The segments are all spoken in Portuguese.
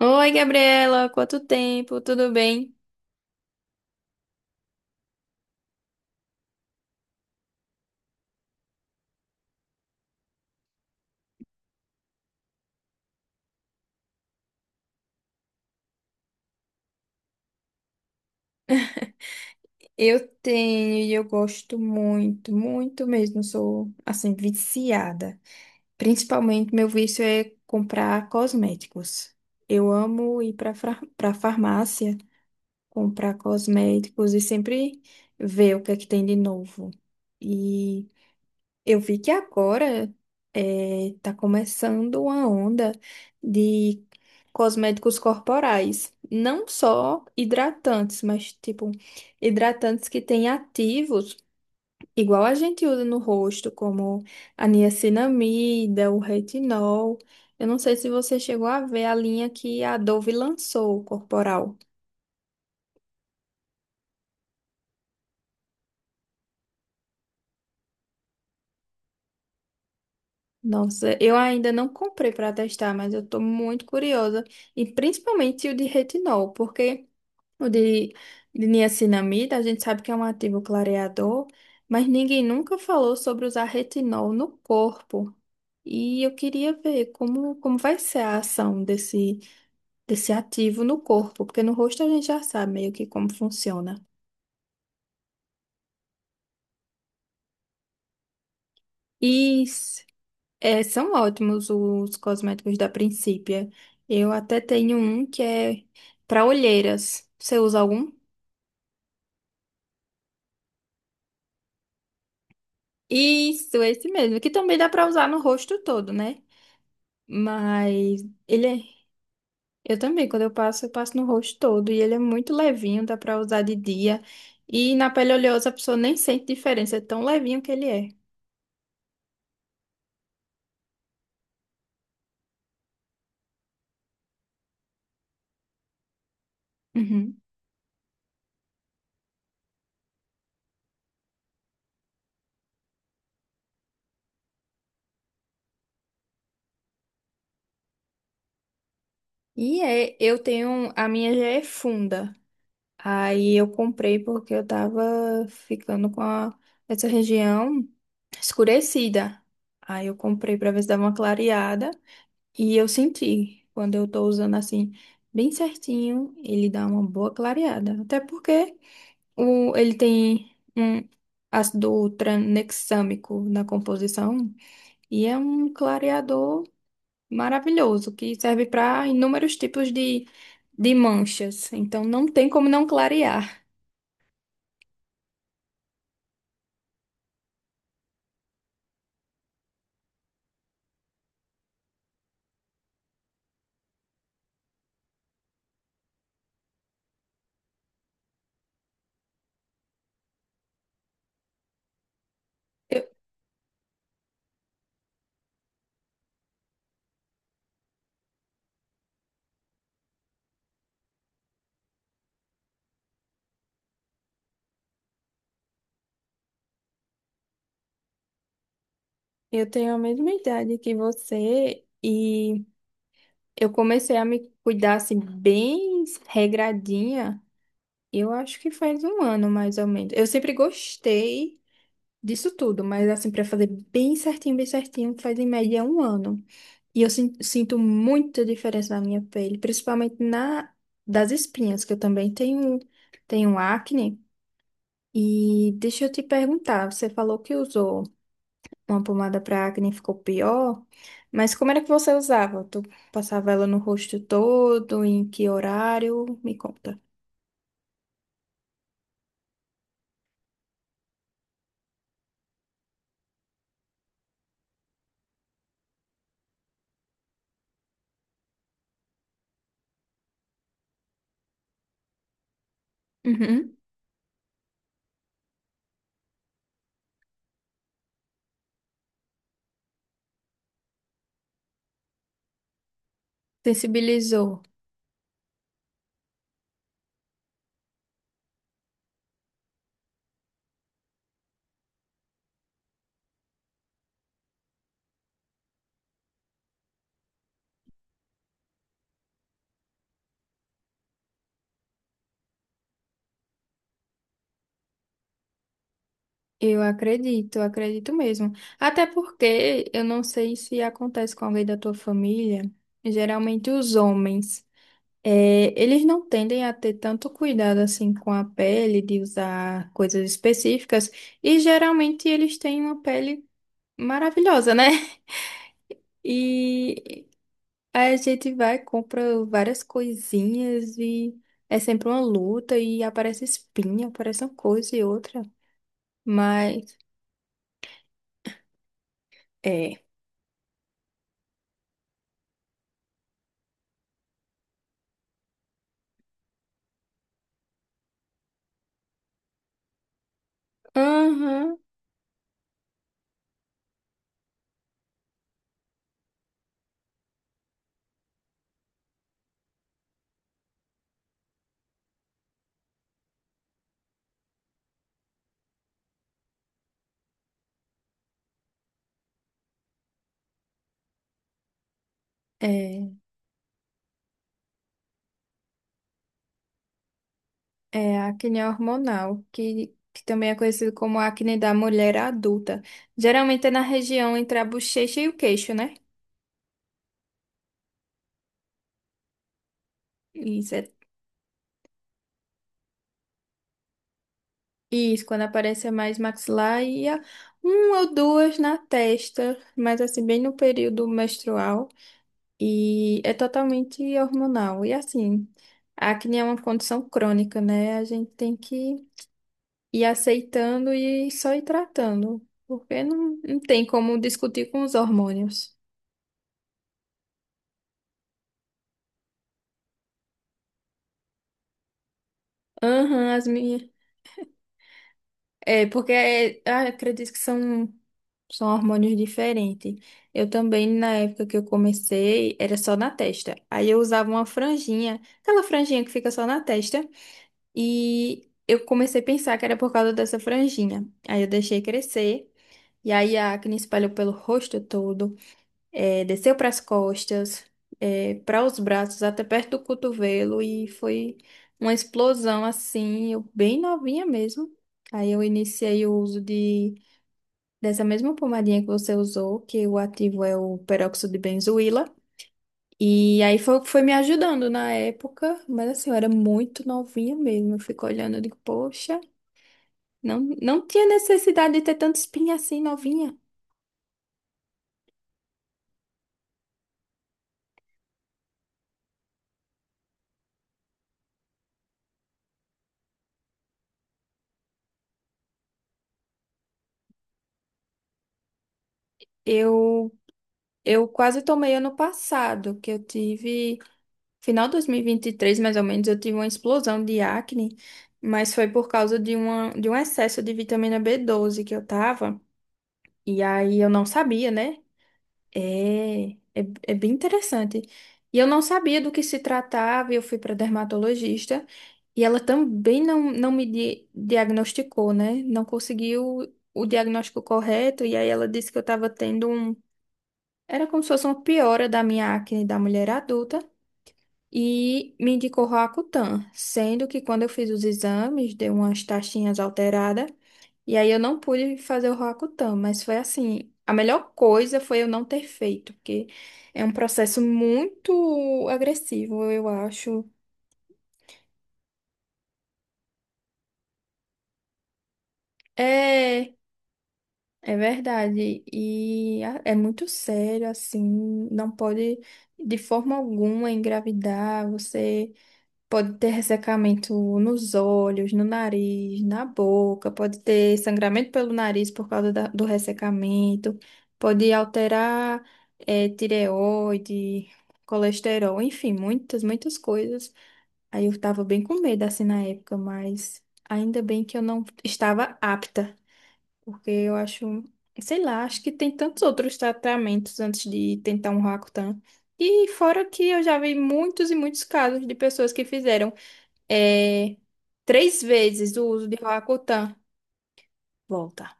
Oi, Gabriela, quanto tempo? Tudo bem? Eu tenho e eu gosto muito, muito mesmo. Sou assim viciada. Principalmente meu vício é comprar cosméticos. Eu amo ir para para farmácia comprar cosméticos e sempre ver o que é que tem de novo. Eu vi que agora tá começando uma onda de cosméticos corporais, não só hidratantes, mas tipo hidratantes que têm ativos, igual a gente usa no rosto, como a niacinamida, o retinol. Eu não sei se você chegou a ver a linha que a Dove lançou, corporal. Nossa, eu ainda não comprei para testar, mas eu tô muito curiosa, e principalmente o de retinol, porque o de niacinamida, a gente sabe que é um ativo clareador, mas ninguém nunca falou sobre usar retinol no corpo. E eu queria ver como, como vai ser a ação desse, desse ativo no corpo, porque no rosto a gente já sabe meio que como funciona. E s- É, são ótimos os cosméticos da Princípia. Eu até tenho um que é para olheiras. Você usa algum? Isso, esse mesmo, que também dá para usar no rosto todo, né? Mas ele é. Eu também, quando eu passo no rosto todo. E ele é muito levinho, dá pra usar de dia. E na pele oleosa a pessoa nem sente diferença, é tão levinho que ele é. Uhum. E é, eu tenho. A minha já é funda. Aí eu comprei porque eu tava ficando com a- essa região escurecida. Aí eu comprei pra ver se dava uma clareada. E eu senti, quando eu tô usando assim, bem certinho, ele dá uma boa clareada. Até porque, O, ele tem um ácido tranexâmico na composição e é um clareador maravilhoso que serve para inúmeros tipos de manchas. Então não tem como não clarear. Eu, eu tenho a mesma idade que você e eu comecei a me cuidar assim, bem regradinha. Eu acho que faz um ano mais ou menos. Eu sempre gostei disso tudo, mas assim, para fazer bem certinho, faz em média um ano. E eu sinto muita diferença na minha pele, principalmente na das espinhas, que eu também tenho, tenho um acne. E deixa eu te perguntar, você falou que usou uma pomada para acne e ficou pior, mas como era que você usava? Tu passava ela no rosto todo, em que horário? Me conta. Uhum. Sensibilizou. Eu acredito mesmo. Até porque eu não sei se acontece com alguém da tua família, geralmente os homens. É, eles não tendem a ter tanto cuidado assim com a pele, de usar coisas específicas, e geralmente eles têm uma pele maravilhosa, né? E a gente vai, compra várias coisinhas e é sempre uma luta e aparece espinha, aparece uma coisa e outra. Mas é. Aham, é. É, a acne hormonal, que também é conhecido como acne da mulher adulta. Geralmente é na região entre a bochecha e o queixo, né? Isso, é- isso quando aparece é mais maxilar e a- um ou duas na testa, mas assim, bem no período menstrual. E é totalmente hormonal. E assim, a acne é uma condição crônica, né? A gente tem que ir aceitando e só ir tratando, porque não, não tem como discutir com os hormônios. Aham, as minhas. É, porque é, ah, acredito que são, são hormônios diferentes. Eu também, na época que eu comecei, era só na testa. Aí eu usava uma franjinha, aquela franjinha que fica só na testa. E eu comecei a pensar que era por causa dessa franjinha. Aí eu deixei crescer. E aí a acne espalhou pelo rosto todo, é, desceu para as costas, para os braços, até perto do cotovelo, e foi uma explosão assim, eu bem novinha mesmo. Aí eu iniciei o uso de, dessa mesma pomadinha que você usou, que o ativo é o peróxido de benzoíla. E aí foi, o que foi me ajudando na época, mas assim, eu era muito novinha mesmo. Eu fico olhando e digo, poxa, não, não tinha necessidade de ter tanta espinha assim novinha. Eu, eu quase tomei ano passado, que eu tive. Final de 2023, mais ou menos, eu tive uma explosão de acne, mas foi por causa de, uma, de um excesso de vitamina B12 que eu tava, e aí eu não sabia, né? É, é, é bem interessante. E eu não sabia do que se tratava, e eu fui para dermatologista, e ela também não, não me diagnosticou, né? Não conseguiu o diagnóstico correto, e aí ela disse que eu tava tendo um. Era como se fosse uma piora da minha acne da mulher adulta e me indicou Roacutan, sendo que quando eu fiz os exames, deu umas taxinhas alteradas, e aí eu não pude fazer o Roacutan, mas foi assim, a melhor coisa foi eu não ter feito, porque é um processo muito agressivo, eu acho. É, é verdade, e a- é muito sério, assim, não pode de forma alguma engravidar, você... Pode ter ressecamento nos olhos, no nariz, na boca, pode ter sangramento pelo nariz por causa da- do ressecamento, pode alterar tireoide, colesterol, enfim, muitas, muitas coisas. Aí eu estava bem com medo assim na época, mas ainda bem que eu não estava apta, porque eu acho, sei lá, acho que tem tantos outros tratamentos antes de tentar um Roacutan. E fora que eu já vi muitos e muitos casos de pessoas que fizeram, é, três vezes o uso de Roacutan. Volta.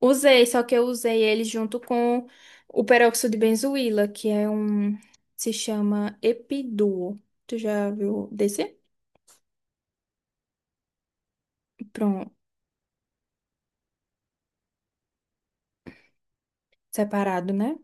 Usei, só que eu usei ele junto com o peróxido de benzoíla, que é um. Se chama Epiduo. Tu já viu desse? Pronto, separado, né?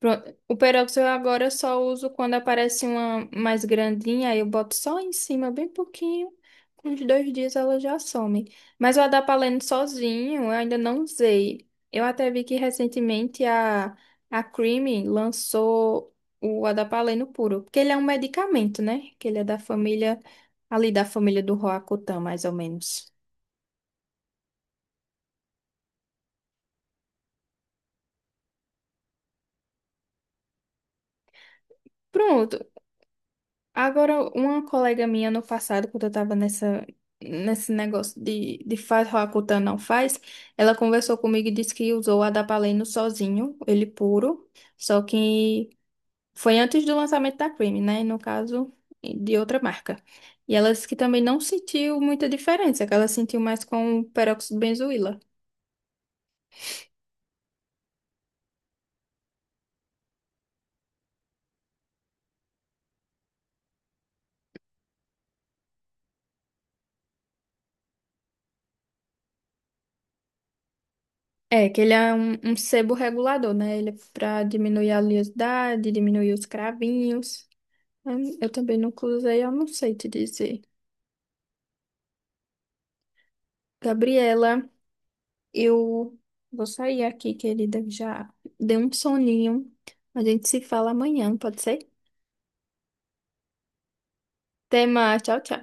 Pronto. O peróxido eu agora só uso quando aparece uma mais grandinha, aí eu boto só em cima, bem pouquinho. Com uns dois dias ela já some. Mas o adapaleno sozinho eu ainda não usei. Eu até vi que recentemente a Creamy lançou o adapaleno puro, porque ele é um medicamento, né? Que ele é da família, ali da família do Roacutan, mais ou menos. Pronto. Agora, uma colega minha no passado, quando eu tava nessa, nesse negócio de faz Roacutan não faz, ela conversou comigo e disse que usou a Adapaleno sozinho, ele puro, só que foi antes do lançamento da Cream, né? No caso, de outra marca. E ela disse que também não sentiu muita diferença, que ela sentiu mais com o peróxido de benzoíla. É, que ele é um, um sebo regulador, né? Ele é pra diminuir a oleosidade, diminuir os cravinhos. Eu também nunca usei, eu não sei te dizer. Gabriela, eu vou sair aqui, querida, que já deu um soninho. A gente se fala amanhã, pode ser? Até mais, tchau, tchau.